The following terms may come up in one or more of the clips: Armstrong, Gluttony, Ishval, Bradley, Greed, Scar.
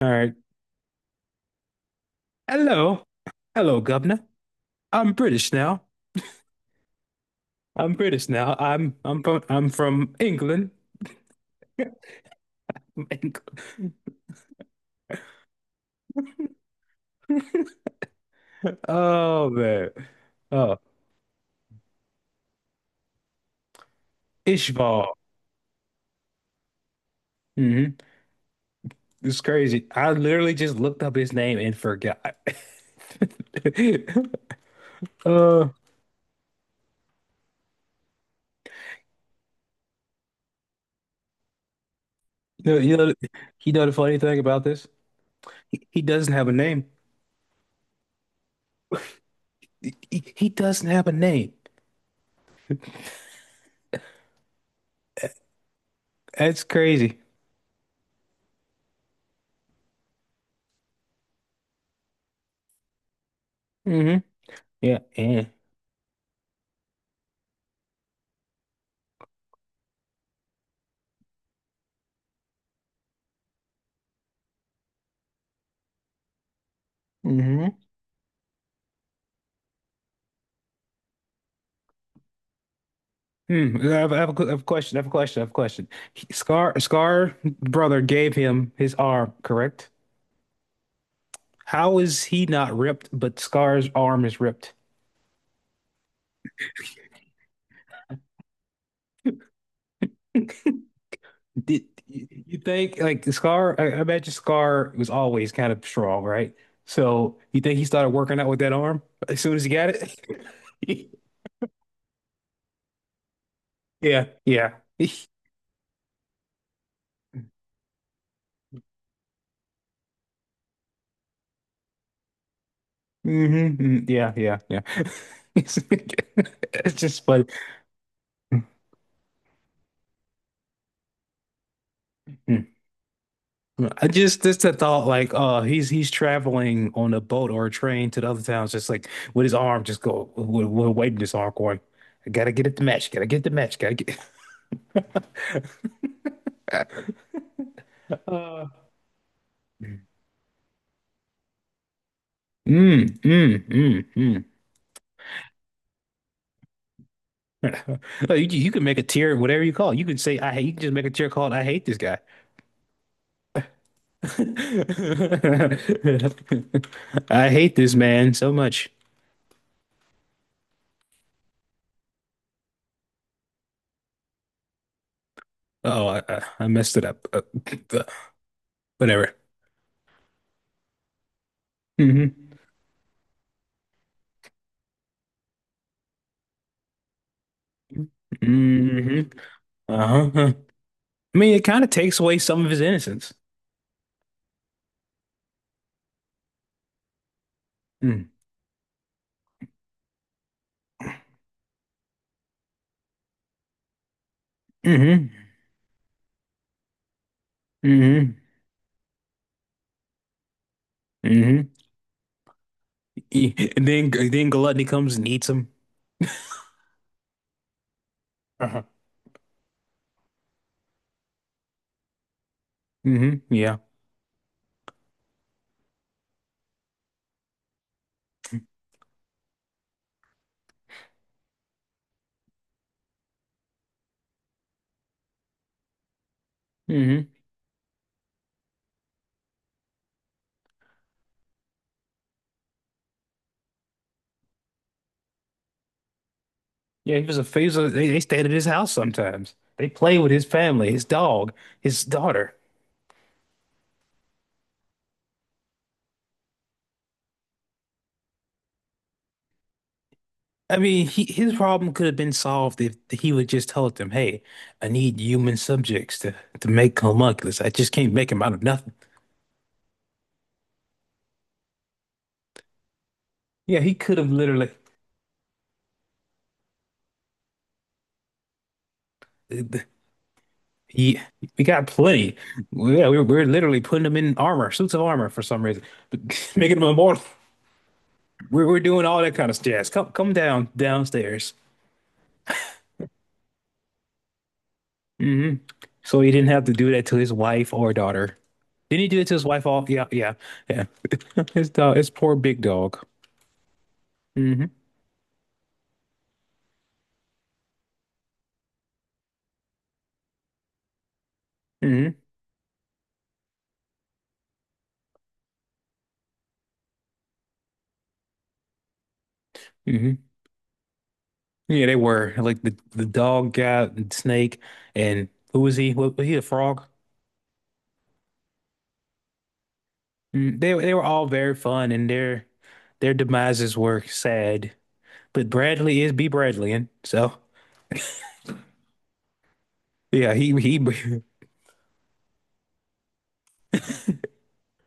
All right. Hello. Hello, Governor. I'm British now. I'm British now. I'm from England. From England. Oh man. Oh, Ishval. Hmm. It's crazy. I literally just looked up his name and forgot. Uh, you know, you know, you know the funny thing about this? He doesn't have a name. He doesn't have a name. That's crazy. Hmm. Yeah. Yeah. Hmm. Hmm. I have a question. I have a question. I have a question. He- Scar, Scar brother gave him his arm, correct? How is he not ripped, but Scar's arm is ripped? Did you think like Scar? I imagine Scar was always kind of strong, right? So you think he started working out with that arm as soon as he got it? Yeah, yeah. Hmm. Yeah, yeah, yeah. It's just funny. Mm-hmm. I just the thought like he's traveling on a boat or a train to the other towns just like with his arm just go with waving his arm going, I gotta get at the match, gotta get the match, gotta get. uh, mm, mm, mm, mm. You can make a tier whatever you call it. You can say I hate, you can just make a tier called I hate this guy. I hate this man so much. Oh, I messed it up. Whatever. Hmm. Hmm. Uh-huh. Uh-huh. I mean, it kind of takes away some of his innocence. Mm. Mm-hmm. Mm-hmm. Mm-hmm. He- and then Gluttony comes and eats him. Uh-huh. Mm-hmm. Yeah. Mm-hmm. Yeah, he was a faisal. They stayed at his house sometimes. They played with his family, his dog, his daughter. I mean, he, his problem could have been solved if he would just tell them, "Hey, I need human subjects to make homunculus. I just can't make him out of nothing." Yeah, he could have literally. He, we got plenty. Well, yeah, we were literally putting them in armor, suits of armor for some reason, making them immortal. We're doing all that kind of jazz. Come, come down, downstairs. Hmm. So he didn't have to do that to his wife or daughter. Didn't he do it to his wife? All yeah, yeah, yeah. His dog, his poor big dog. Hmm. Hmm. Hmm. Yeah, they were like the dog guy, and snake, and who was he? Was he a frog? Mm. They were all very fun, and their demises were sad. But Bradley is B Bradleyan, so yeah, he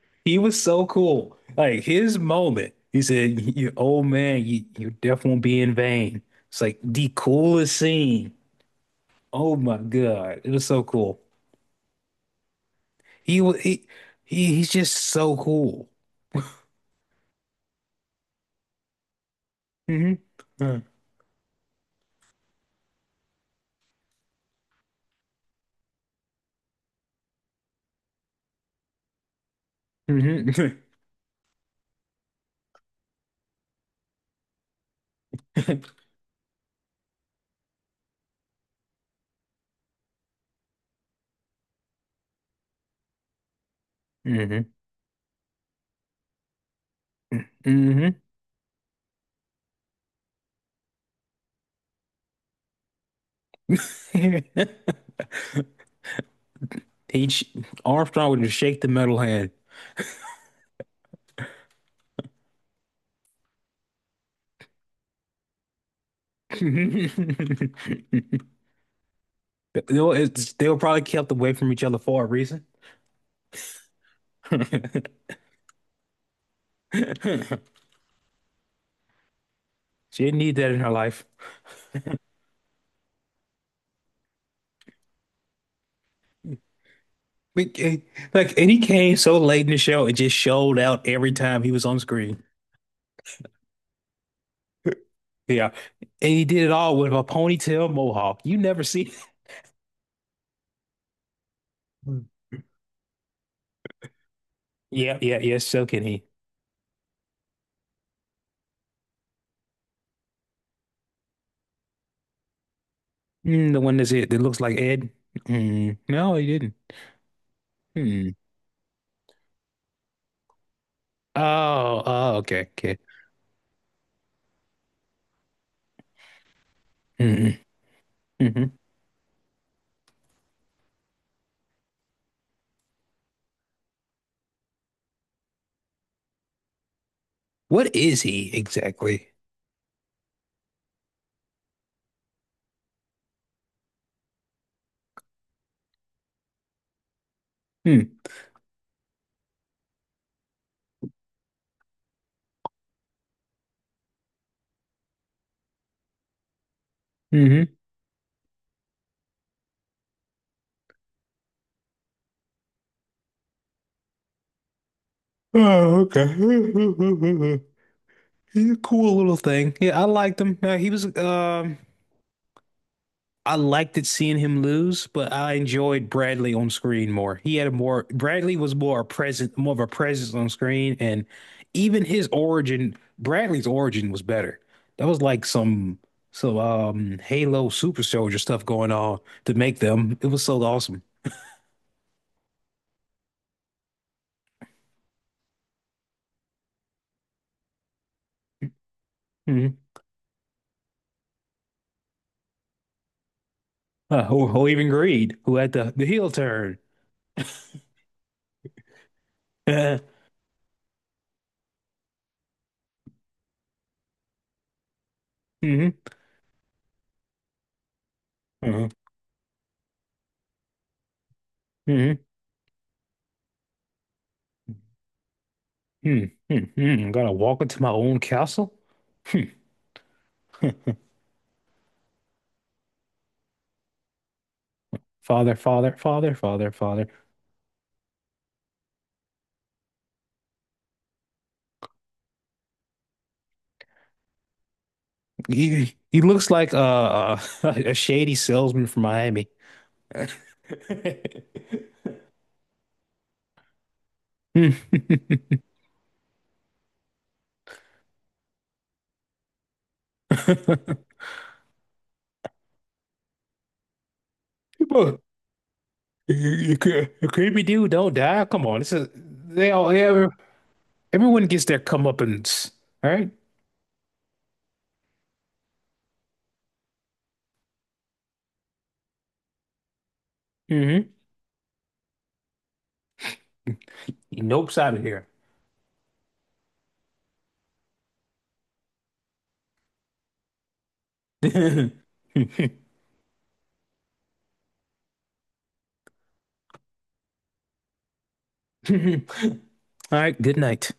he was so cool. Like his moment, he said, "You old man, you your death won't be in vain." It's like the coolest scene. Oh my God, it was so cool. He was he he's just so cool. Hmm. Mm-hmm. Hmm. Hmm. Mm-hmm. He sh- Armstrong would just shake the metal hand. They'll, it's, they were probably kept away from each other for a reason. She didn't need that in her life. But, eh, like, and he came so late in the show and just showed out every time he was on screen. Yeah. And he did it all with a ponytail mohawk. You never see. Mm. Yeah, yeah, yeah. So can he? Mm, the one that's it that looks like Ed. Mm, no, he didn't. Hmm. Oh, oh, okay, okay. Hmm. Hmm. Hmm. What is he exactly? Hmm. Hmm. Oh, okay. He's a cool little thing. Yeah, I liked him. He was I liked it seeing him lose, but I enjoyed Bradley on screen more. He had a more Bradley was more a present, more of a presence on screen, and even his origin, Bradley's origin was better. That was like some Halo super soldier stuff going on to make them. It was so awesome. Hmm. Who even Greed, who had the heel turn. Hmm. Hmm. Hmm. Hmm. Hmm. Hmm. Gotta walk into my own castle. Hmm. Father, father, father, father, father. He looks like a a, shady salesman from Miami. Hmm. People, you, you, you creepy dude, don't die. Come on, this is they all yeah, everyone gets their comeuppance. All right. Mm-hmm. He nopes out of here. All right. Good night.